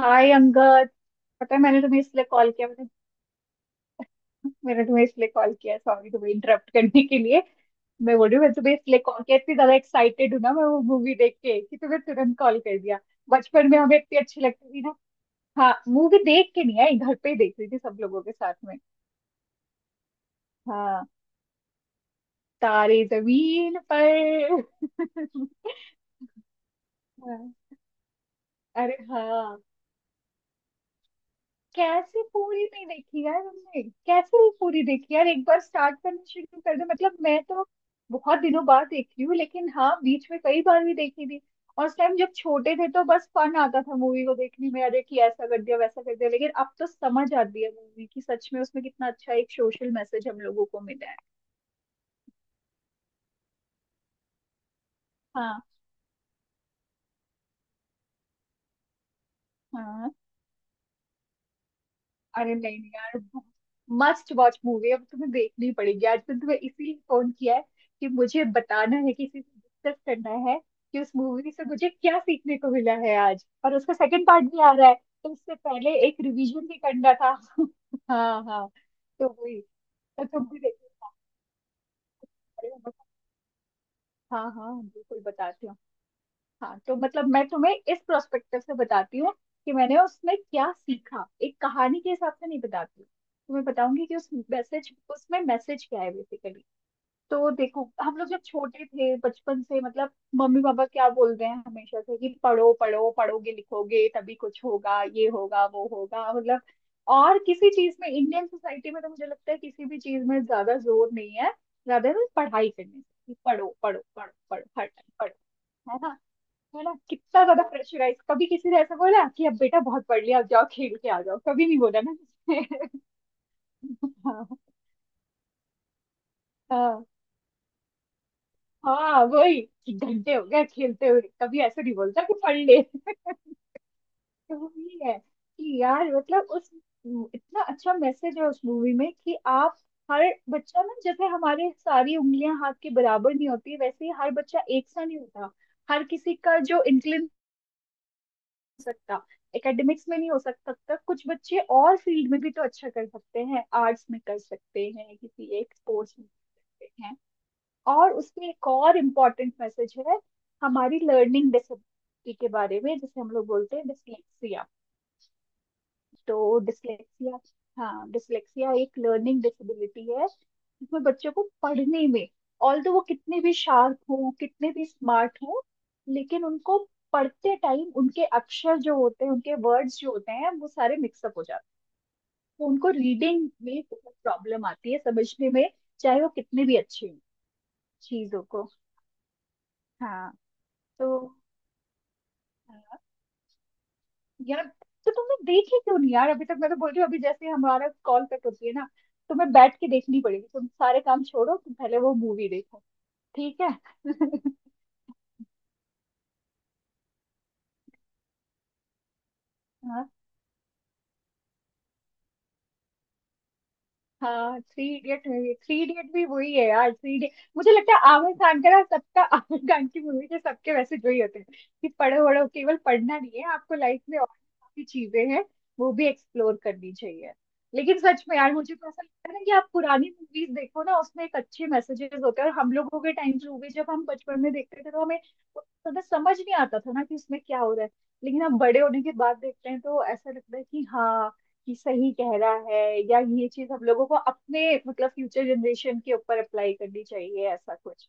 हाय अंगद। पता है मैंने तुम्हें इसलिए कॉल किया, मैंने मैंने तुम्हें इसलिए कॉल किया। सॉरी तुम्हें इंटरप्ट करने के लिए। मैं बोल रही हूँ मैं तुम्हें इसलिए कॉल किया इतनी ज्यादा एक्साइटेड हूँ ना, मैं वो मूवी देख के कि तुम्हें तुरंत कॉल कर दिया। बचपन में हमें इतनी अच्छी लगती थी ना। हाँ, मूवी देख के नहीं आई, घर पे ही देख रही थी सब लोगों के साथ में। हाँ, तारे जमीन पर। हाँ। अरे हाँ, कैसे पूरी नहीं देखी यार, हमने कैसे नहीं पूरी देखी यार। एक बार स्टार्ट करना शुरू कर दे मतलब, मैं तो बहुत दिनों बाद देख रही हूँ लेकिन हाँ बीच में कई बार भी देखी थी। और उस टाइम जब छोटे थे तो बस फन आता था मूवी को देखने में, अरे कि ऐसा कर दिया वैसा कर दिया, लेकिन अब तो समझ आती है मूवी की। सच में उसमें कितना अच्छा एक सोशल मैसेज हम लोगों को मिला है। हाँ हाँ। अरे नहीं नहीं यार, मस्ट वॉच मूवी है, अब तुम्हें देखनी पड़ेगी आज। तो तुम्हें इसीलिए फोन किया है कि मुझे बताना है, किसी से डिस्कस करना है कि उस मूवी से मुझे क्या सीखने को मिला है आज। और उसका सेकंड पार्ट भी आ रहा है तो उससे पहले एक रिवीजन भी करना था। हाँ हाँ। तो वही, तो तुम भी देखो। हाँ हाँ बिल्कुल बताती हूँ। हाँ तो मतलब मैं तुम्हें इस प्रोस्पेक्टिव से बताती हूँ कि मैंने उसमें क्या सीखा। एक कहानी के हिसाब से नहीं बताती, तुम्हें बताऊंगी कि उस मैसेज, उसमें मैसेज क्या है बेसिकली। तो देखो हम लोग जब छोटे थे बचपन से मतलब, मम्मी पापा क्या बोलते हैं हमेशा से कि पढ़ो पढ़ो, पढ़ोगे लिखोगे तभी कुछ होगा, ये होगा वो होगा मतलब। और किसी चीज में इंडियन सोसाइटी में तो मुझे लगता है किसी भी चीज में ज्यादा जोर नहीं है, ज्यादा ना, पढ़ाई करने से कि पढ़ो पढ़ो पढ़ो पढ़ो हर टाइम पढ़ो। है ना। है ना, कितना ज्यादा प्रेशराइज। कभी किसी ने ऐसा बोला कि अब बेटा बहुत पढ़ लिया, अब जाओ खेल के आ जाओ। कभी नहीं बोला ना किसी ने। हाँ हाँ। हाँ, वही कि घंटे हो गए खेलते हुए, कभी ऐसा नहीं बोलता कि पढ़ ले। तो वो ये है कि यार मतलब उस इतना अच्छा मैसेज है उस मूवी में कि आप, हर बच्चा ना, जैसे हमारे सारी उंगलियां हाथ के बराबर नहीं होती वैसे ही हर बच्चा एक सा नहीं होता। हर किसी का जो सकता एकेडमिक्स में नहीं हो सकता तक कुछ बच्चे और फील्ड में भी तो अच्छा कर सकते हैं, आर्ट्स में कर सकते हैं, किसी एक स्पोर्ट्स में कर सकते हैं। और उसमें एक और इम्पोर्टेंट मैसेज है हमारी लर्निंग डिसेबिलिटी के बारे में, जिसे हम लोग बोलते हैं डिसलेक्सिया। तो डिसलेक्सिया, हाँ, डिसलेक्सिया एक लर्निंग डिसेबिलिटी है। इसमें बच्चों को पढ़ने में, ऑल दो वो कितने भी शार्प हो कितने भी स्मार्ट हो, लेकिन उनको पढ़ते टाइम उनके अक्षर जो होते हैं, उनके वर्ड्स जो होते हैं वो सारे मिक्सअप हो जाते हैं। तो उनको रीडिंग में बहुत प्रॉब्लम आती है समझने में, चाहे वो कितने भी अच्छे हों चीजों को। हाँ। तो हाँ, यार, तो तुमने देखी क्यों नहीं यार अभी तक। मैं तो बोल रही हूँ अभी जैसे हमारा कॉल कट होती है ना, तुम्हें बैठ के देखनी पड़ेगी, तुम सारे काम छोड़ो, तुम पहले वो मूवी देखो। ठीक है। हाँ, three idiot movie, three idiot भी वही है यार। थ्री इडियट मुझे लगता है आमिर खान का ना, सबका आमिर खान की मूवी के सबके वैसे जो ही होते हैं कि पढ़ो वढ़ो, केवल पढ़ना नहीं है, आपको लाइफ में और भी काफी चीजें हैं वो भी एक्सप्लोर करनी चाहिए। लेकिन सच में यार मुझे तो ऐसा लगता है ना कि आप पुरानी मूवीज देखो ना, उसमें एक अच्छे मैसेजेस होते हैं। और हम लोगों के टाइम की मूवी जब हम बचपन में देखते थे तो हमें उतना ज्यादा समझ नहीं आता था ना कि उसमें क्या हो रहा है, लेकिन अब बड़े होने के बाद देखते हैं तो ऐसा लगता है कि हाँ, कि सही कह रहा है। या ये चीज हम लोगों को अपने मतलब फ्यूचर जनरेशन के ऊपर अप्लाई करनी चाहिए ऐसा कुछ।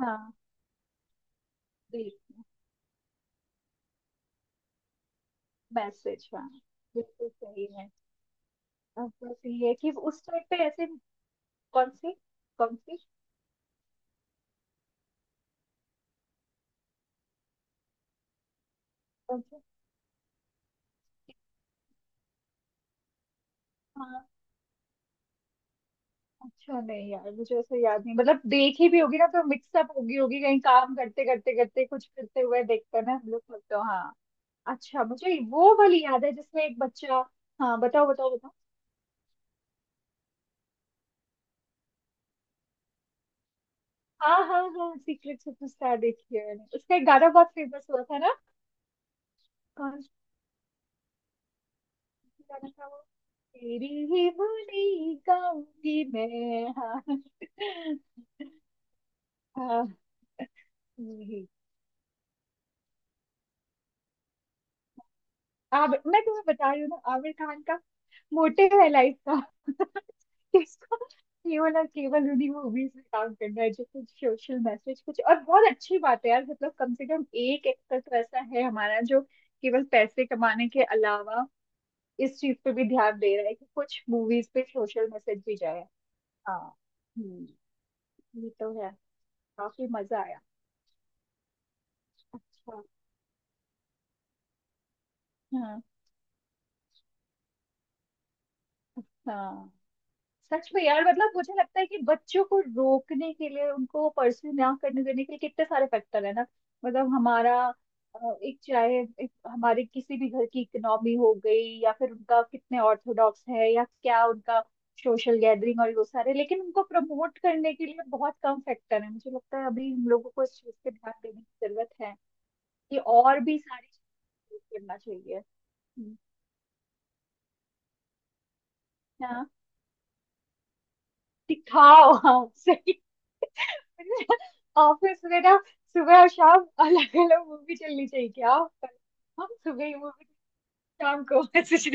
हाँ। बिल-। मैसेज हाँ। बिल्कुल सही है। अब बस ये है कि उस टाइम पे ऐसे। कौन सी। कौन सी। कौन सी। हाँ, अच्छा नहीं यार मुझे ऐसे याद नहीं, मतलब देखी भी होगी ना तो मिक्सअप होगी, होगी कहीं, काम करते करते करते कुछ करते हुए देखते हैं ना हम लोग, तो हाँ। अच्छा, मुझे वो वाली याद है जिसमें एक बच्चा। हाँ बताओ बताओ। हाँ हाँ हाँ, सीक्रेट सुपरस्टार देखी है मैंने, उसका एक गाना बहुत फेमस हुआ था ना। कौन सा गाना था वो। तेरी ही बोली गाऊंगी मैं, हाँ। हाँ, वही। आमिर, मैं तुम्हें बता रही हूँ ना, आमिर खान का मोटिव है लाइफ का कि इसको केवल और केवल उन्हीं मूवीज में काम करना है जो कुछ सोशल मैसेज, कुछ। और बहुत अच्छी बात है यार मतलब, कम से कम एक एक्टर तो ऐसा है हमारा जो केवल पैसे कमाने के अलावा इस चीज पे भी ध्यान दे रहा है कि कुछ मूवीज पे सोशल मैसेज भी जाए। हाँ। हम्म। ये तो है, काफी मजा आया। अच्छा। हाँ हाँ, सच में यार मतलब मुझे लगता है कि बच्चों को रोकने के लिए, उनको परस्यू ना करने देने के लिए कितने सारे फैक्टर है ना मतलब। हमारा एक, चाहे एक हमारे किसी भी घर की इकोनॉमी हो गई, या फिर उनका कितने ऑर्थोडॉक्स है, या क्या उनका सोशल गैदरिंग, और वो सारे। लेकिन उनको प्रमोट करने के लिए बहुत कम फैक्टर है, मुझे लगता है अभी हम लोगों को इस चीज पे ध्यान देने की जरूरत है कि और भी सारी चीजें करना चाहिए। हम्म। हाँ दिखाओ हाँ। ऑफिस में ना, सुबह और शाम अलग अलग मूवी चलनी चाहिए क्या। हम सुबह ही मूवी, शाम को मैसेज।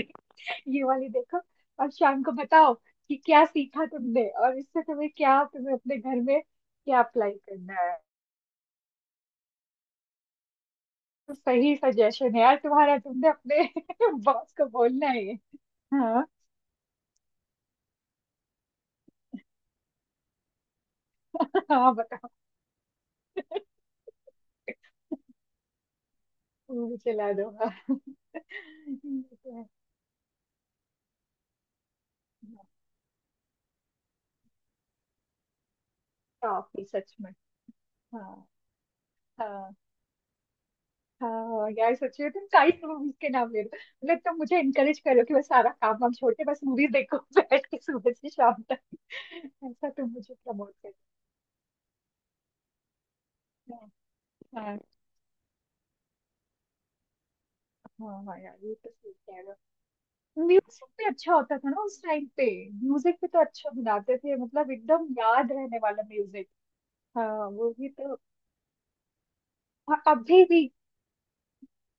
ये वाली देखो, और शाम को बताओ कि क्या सीखा तुमने और इससे तुम्हें क्या, तुम्हें अपने घर में क्या अप्लाई करना है। तो सही सजेशन है यार तुम्हारा, तुमने अपने बॉस को बोलना है ये। हाँ हाँ बताओ, मूवी चला दो हाँ। ये तो है। काफी सच में। हाँ हाँ। हाँ यार सच में, तुम साइड मूवीज के नाम ले दो मतलब, तुम मुझे इनकरेज करो कि बस सारा काम वाम छोड़ के बस मूवीज देखो बैठ के सुबह से शाम तक। ऐसा तुम मुझे प्रमोट करो। हाँ हाँ, हाँ यार, ये तो सही कह रहे हो। म्यूजिक भी अच्छा होता था ना उस टाइम पे। म्यूजिक भी तो अच्छा बनाते थे, मतलब एकदम याद रहने वाला म्यूजिक। हाँ वो भी तो। हाँ, अभी भी।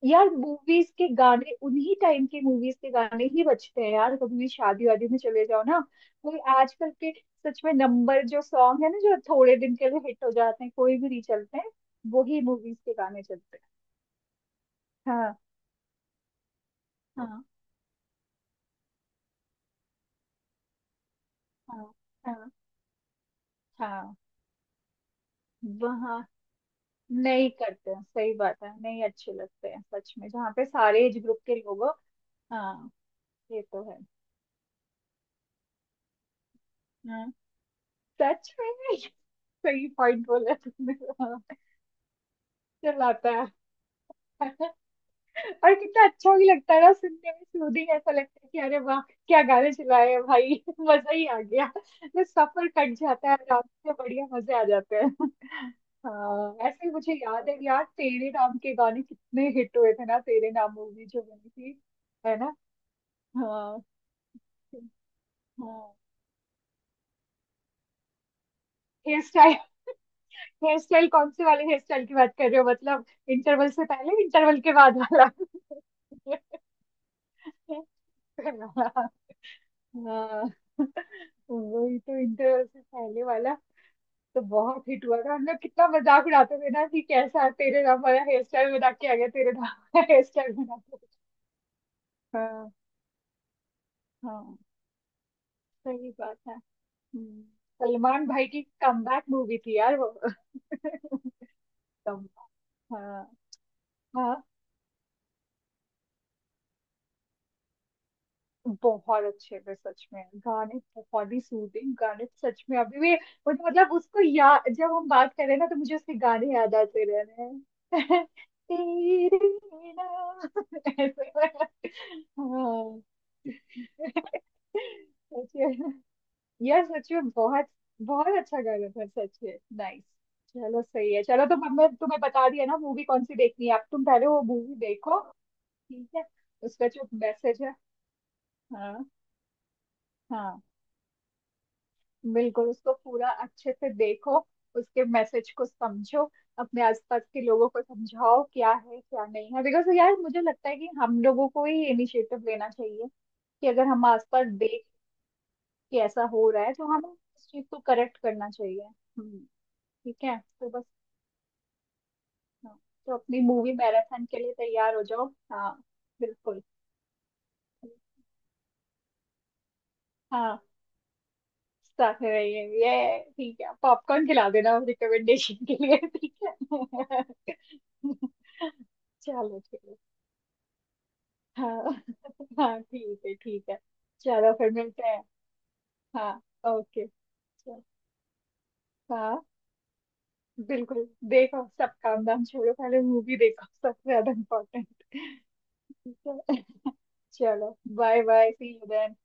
यार मूवीज के गाने उन्हीं टाइम के मूवीज के गाने ही बजते हैं यार, कभी भी शादी वादी में चले जाओ ना, कोई आजकल के, सच में नंबर जो सॉन्ग है ना जो थोड़े दिन के लिए हिट हो जाते हैं कोई भी नहीं चलते हैं। वही मूवीज के गाने चलते हैं। हाँ हाँ हाँ हाँ हाँ। वहाँ नहीं करते हैं सही बात है, नहीं अच्छे लगते हैं सच में, जहाँ पे सारे एज ग्रुप के लोग हो। हाँ ये तो है। हाँ सच में सही पॉइंट बोला तुमने। हाँ, चल आता है, और कितना अच्छा भी लगता है ना सुनने में, सूदिंग, ऐसा लगता है कि अरे वाह, क्या गाने चलाए हैं भाई मजा ही आ गया, तो सफर कट जाता है आराम से, बढ़िया मजे आ जाते हैं। हाँ ऐसे ही मुझे याद है यार, तेरे नाम के गाने कितने हिट हुए थे ना, तेरे नाम मूवी जो बनी थी। है ना। हाँ हाँ। Hairstyle. हेयर स्टाइल कौन से वाले हेयर स्टाइल की बात कर रहे हो, मतलब इंटरवल से पहले, इंटरवल के बाद वाला। हाँ। वही तो इंटरवल से पहले वाला, तो बहुत हिट हुआ था, हम लोग कितना मजाक उड़ाते थे ना कि कैसा तेरे नाम वाला हेयर स्टाइल बना के आ गया, तेरे नाम वाला हेयर स्टाइल बना के। हाँ हाँ सही बात है। हम्म, सलमान भाई की कमबैक मूवी थी यार वो। तब। हाँ हाँ, बहुत अच्छे थे सच में गाने, बहुत ही सूदिंग गाने, सच में अभी भी, मतलब मतलब उसको या जब हम बात करें ना तो मुझे उसके गाने याद आते रह रहे हैं। तेरे नाम। ऐसे। हाँ सच में यार, सच में बहुत बहुत अच्छा गाना था सच में, नाइस। चलो सही है, चलो तो मैं तुम्हें बता दिया ना मूवी कौन सी देखनी है, अब तुम पहले वो मूवी देखो, ठीक है। उसका जो मैसेज है। हाँ हाँ। बिल्कुल उसको पूरा अच्छे से देखो, उसके मैसेज को समझो, अपने आसपास के लोगों को समझाओ क्या है क्या नहीं है, बिकॉज यार मुझे लगता है कि हम लोगों को ही इनिशिएटिव लेना चाहिए कि अगर हम आसपास देख के ऐसा हो रहा है तो हमें इस चीज को करेक्ट करना चाहिए। हम्म। ठीक है, तो बस। हाँ, तो अपनी मूवी मैराथन के लिए तैयार हो जाओ। हाँ बिल्कुल। हाँ, साथ में रहिए ये ठीक है, पॉपकॉर्न खिला देना रिकमेंडेशन के लिए, ठीक है। चलो चलो। हाँ हाँ ठीक है ठीक है। चलो फिर मिलते हैं। हाँ, ओके, चलो। हाँ बिल्कुल देखो सब काम धाम छोड़ो, पहले मूवी देखो, सबसे ज्यादा इम्पोर्टेंट। ठीक है, चलो bye bye, see you then.